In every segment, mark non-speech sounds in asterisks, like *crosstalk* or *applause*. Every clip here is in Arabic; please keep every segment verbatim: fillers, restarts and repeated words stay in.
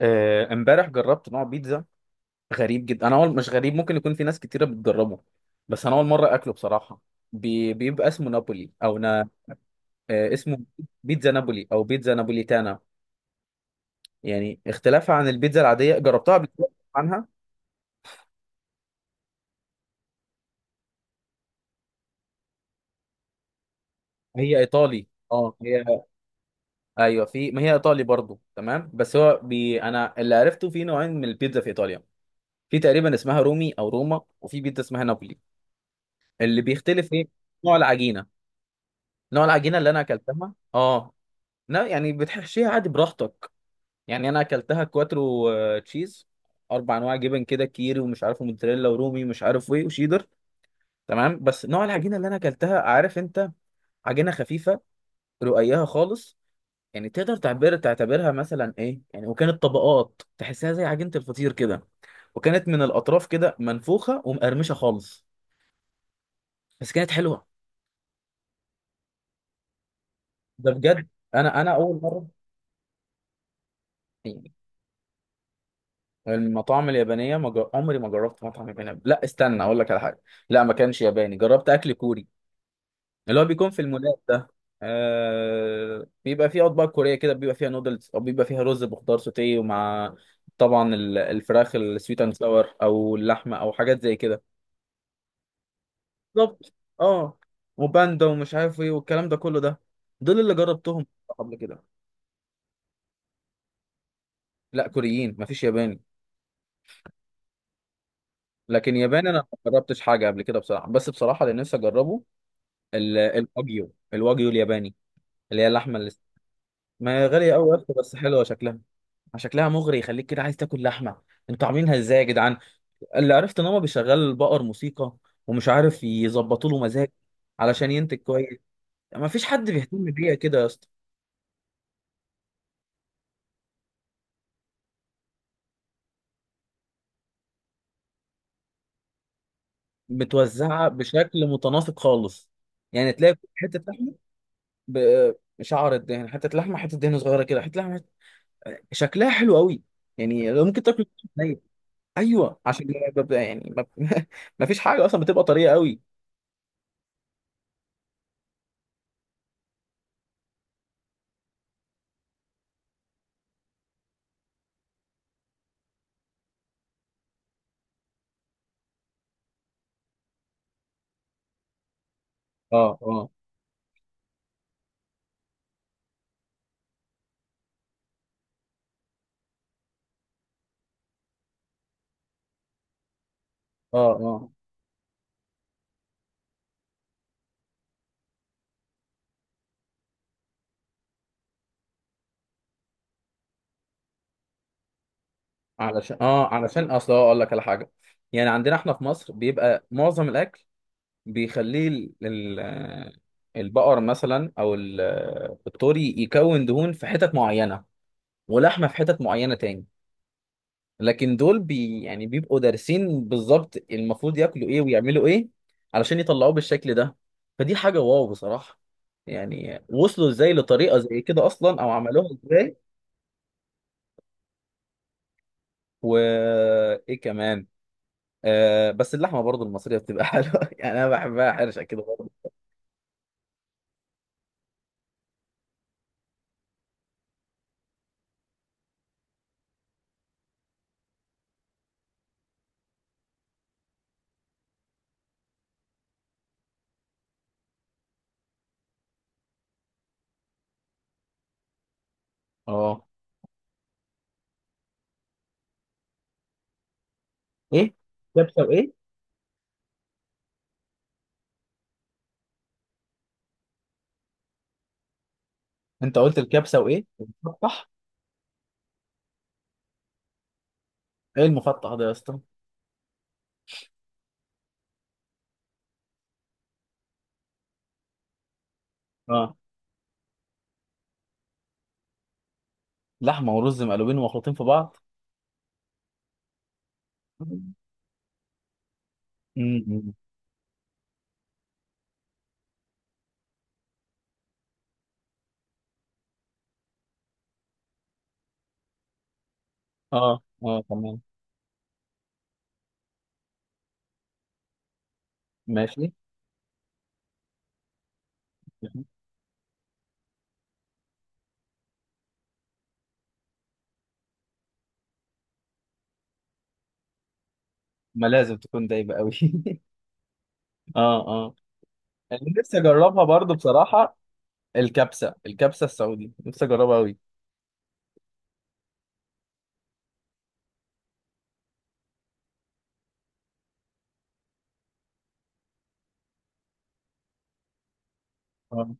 آه، امبارح جربت نوع بيتزا غريب جدا. انا اول مش غريب، ممكن يكون في ناس كتيره بتجربه، بس انا اول مره اكله بصراحه. بي... بيبقى اسمه نابولي او نا... آه، اسمه بيتزا نابولي او بيتزا نابوليتانا. يعني اختلافها عن البيتزا العاديه جربتها قبل كده. عنها. هي ايطالي. اه هي. ايوه في، ما هي ايطالي برضو، تمام. بس هو بي... انا اللي عرفته في نوعين من البيتزا في ايطاليا. في تقريبا اسمها رومي او روما، وفي بيتزا اسمها نابولي. اللي بيختلف ايه؟ نوع العجينه. نوع العجينه اللي انا اكلتها اه. لا يعني بتحشيها عادي براحتك. يعني انا اكلتها كواترو آه، تشيز، اربع انواع جبن كده، كيري ومش عارف موتزاريلا ورومي مش عارف ايه وشيدر. تمام. بس نوع العجينه اللي انا اكلتها عارف انت، عجينه خفيفه، رقيقها خالص. يعني تقدر تعبر تعتبرها مثلا ايه يعني، وكانت طبقات تحسها زي عجينه الفطير كده. وكانت من الاطراف كده منفوخه ومقرمشه خالص. بس كانت حلوه. ده بجد. انا انا اول مره يعني. المطاعم اليابانية ما جر... عمري ما جربت مطعم ياباني. لا استنى أقول لك على حاجة. لا، ما كانش ياباني، جربت أكل كوري اللي هو بيكون في المولات ده. آه... بيبقى فيه أطباق كورية كده، بيبقى فيها نودلز أو بيبقى فيها رز بخضار سوتيه، ومع طبعا ال- الفراخ السويت أند ساور أو اللحمة أو حاجات زي كده. بالظبط. أه. وباندا ومش عارف إيه والكلام ده كله، ده دول اللي جربتهم قبل كده. لا كوريين، مفيش ياباني. لكن ياباني أنا ما جربتش حاجة قبل كده بصراحة. بس بصراحة اللي نفسي أجربه ال- الواجيو الواجيو الياباني، اللي هي اللحمه اللي... ما هي غاليه قوي يا اسطى، بس حلوه شكلها. شكلها مغري يخليك كده عايز تاكل لحمه. انتوا عاملينها ازاي يا جدعان؟ اللي عرفت ان هو بيشغل البقر موسيقى ومش عارف يظبطوا له مزاج علشان ينتج كويس. ما فيش حد بيهتم بيها كده يا اسطى. متوزعه بشكل متناسق خالص، يعني تلاقي حته لحمه بشعر الدهن، حته لحمه، حته دهن صغيره كده، حته لحمه، حتة... شكلها حلو قوي. يعني لو ممكن تاكل. ايوه عشان ببقى يعني ما *laughs* ما فيش حاجه اصلا، بتبقى طريه قوي. اه اه. اه اه. علشان اه، علشان اصل هو اقول لك على حاجه، يعني عندنا احنا في مصر بيبقى معظم الاكل بيخليه ال... ال- البقر مثلا او ال- الطوري يكون دهون في حتت معينه ولحمه في حتت معينه تاني. لكن دول بي يعني بيبقوا دارسين بالظبط المفروض ياكلوا ايه ويعملوا ايه علشان يطلعوه بالشكل ده. فدي حاجة واو بصراحة. يعني وصلوا ازاي لطريقة زي كده اصلا او عملوها ازاي؟ وايه كمان. آه بس اللحمة برضو المصرية بتبقى *laughs* حلوة يعني، انا بحبها حرشة كده برضو. اه. ايه كبسة وايه؟ انت قلت الكبسة وايه؟ المفتح. ايه المفتح ده يا اسطى؟ اه لحمة ورز مقلوبين ومخلوطين في بعض. امم. اه اه تمام. ماشي، ما لازم تكون دايبه قوي *laughs* اه اه. اللي نفسي اجربها برضو بصراحه، الكبسه الكبسه السعودي نفسي اجربها قوي. آه.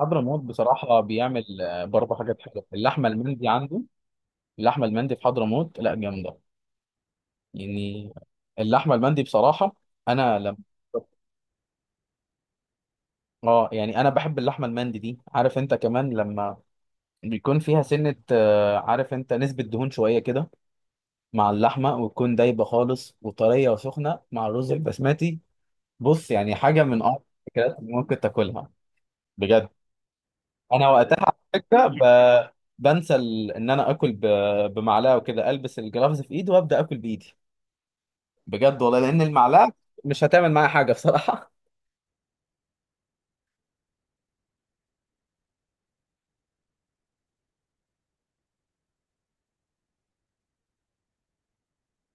حضرموت بصراحه بيعمل آه، برضو حاجات حلوه، اللحمه المندي عنده. اللحمه المندي في حضرموت لا جامده يعني. اللحمه المندي بصراحه، انا لما *laughs* اه يعني انا بحب اللحمه المندي دي، عارف انت، كمان لما بيكون فيها سنه آه، عارف انت، نسبه دهون شويه كده مع اللحمه، وتكون دايبه خالص وطريه وسخنه مع الرز البسمتي. بص يعني حاجة من أعظم الأكلات اللي ممكن تاكلها بجد. أنا وقتها على فكرة ب... بنسى ال... إن أنا آكل ب... بمعلقة وكده، ألبس الجلافز في إيدي وأبدأ آكل بإيدي، بجد والله، لأن المعلقة مش هتعمل معايا حاجة بصراحة.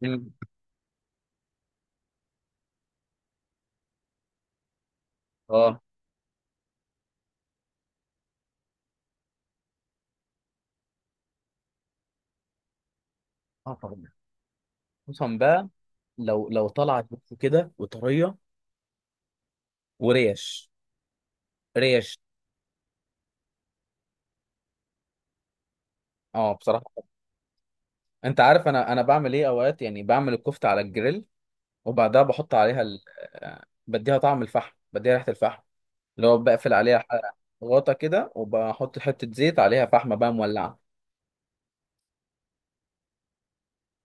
مم. أه أه طبعا. خصوصا بقى لو لو طلعت بس كده وطرية وريش. ريش. أه بصراحة. أنت عارف أنا أنا بعمل إيه أوقات؟ يعني بعمل الكفتة على الجريل، وبعدها بحط عليها ال... آه، بديها طعم الفحم، بديها ريحة الفحم، اللي هو بقفل عليها ح- غطا كده، وبحط حتة زيت عليها فحمة بقى مولعة.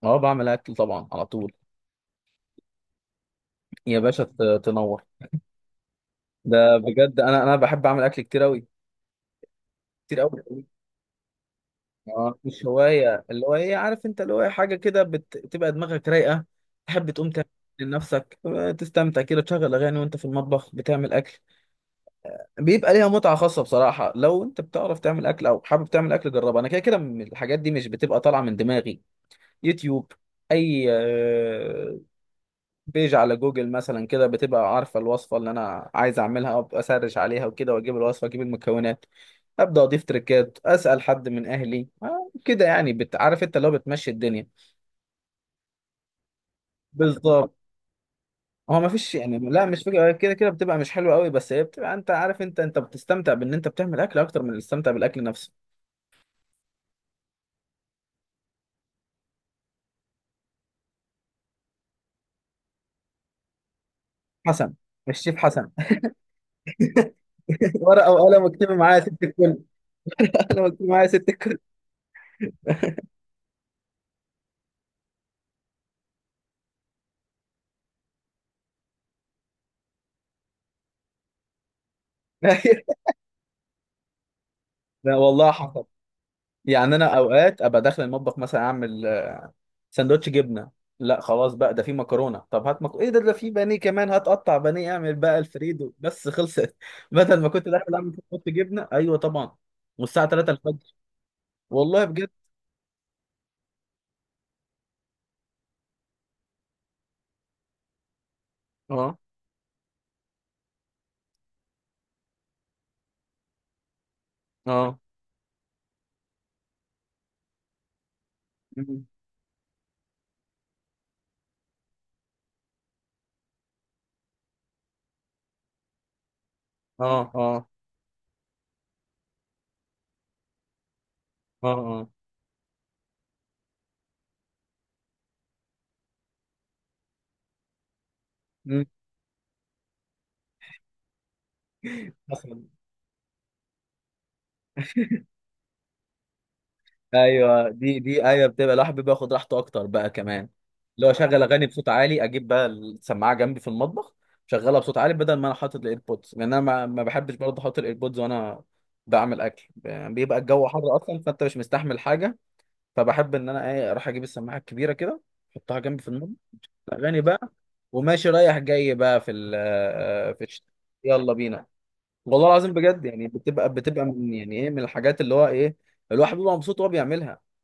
اه بعمل أكل طبعا على طول. يا باشا ت- تنور. ده بجد أنا أنا بحب أعمل أكل كتير أوي. كتير أوي. اه، مش هواية، اللي هو إيه عارف أنت، اللي هو إيه حاجة كده بتبقى دماغك رايقة، تحب تقوم تعمل لنفسك، آه، تستمتع كده، تشغل أغاني وأنت في المطبخ بتعمل أكل، بيبقى ليها متعة خاصة بصراحة. لو أنت بتعرف تعمل أكل أو حابب تعمل أكل جربها. أنا كده كده م- الحاجات دي مش بتبقى طالعة من دماغي. يوتيوب. اي آه، بيج على جوجل مثلا كده، بتبقى عارفه الوصفه اللي انا عايز اعملها، ابقى اسرش عليها وكده، واجيب الوصفه اجيب المكونات، ابدا اضيف تريكات، اسال حد من اهلي آه، كده، يعني بت- عارف انت اللي هو بتمشي الدنيا. بالظبط. هو ما فيش يعني، لا مش فكره، آه، كده كده بتبقى مش حلوه قوي، بس هي بتبقى، انت عارف، انت انت بتستمتع بان انت بتعمل اكل اكتر من الاستمتاع بالاكل نفسه. حسن. الشيف حسن. *laughs* ورقه وقلم واكتبي معايا يا ست الكل. انا واكتبي معايا يا ست الكل. *laughs* لا والله حصل. يعني انا اوقات ابقى داخل المطبخ مثلا اعمل سندوتش جبنه، لا خلاص بقى، ده في مكرونه، طب هات مكرونه، ايه ده، ده في بانيه كمان، هات قطع بانيه اعمل بقى الفريدو، بس خلصت *laughs* بدل ما كنت داخل اعمل كنت جبنه، ايوه طبعا. والساعه تلاتة الفجر. والله بجد. اه اه. مم. اه اه. اه اه. مم. حصل. ايوه دي دي ايوه، بتبقى الواحد بيبقى ياخد راحته اكتر بقى كمان. اللي هو اشغل اغاني بصوت عالي، اجيب بقى السماعه جنبي في المطبخ، شغلها بصوت عالي، بدل ما انا حاطط الايربودز، لان انا ما ما بحبش برضه احط الايربودز وانا بعمل اكل، يعني بيبقى الجو حر اصلا، فانت مش مستحمل حاجه. فبحب ان انا ايه اروح اجيب السماعه الكبيره كده، احطها جنبي في المطبخ، الاغاني بقى. وماشي رايح جاي بقى في ال... في الش- يلا بينا. والله العظيم بجد، يعني بتبقى بتبقى من يعني ايه، من الحاجات اللي هو ايه، الواحد بيبقى مبسوط وهو بيعملها.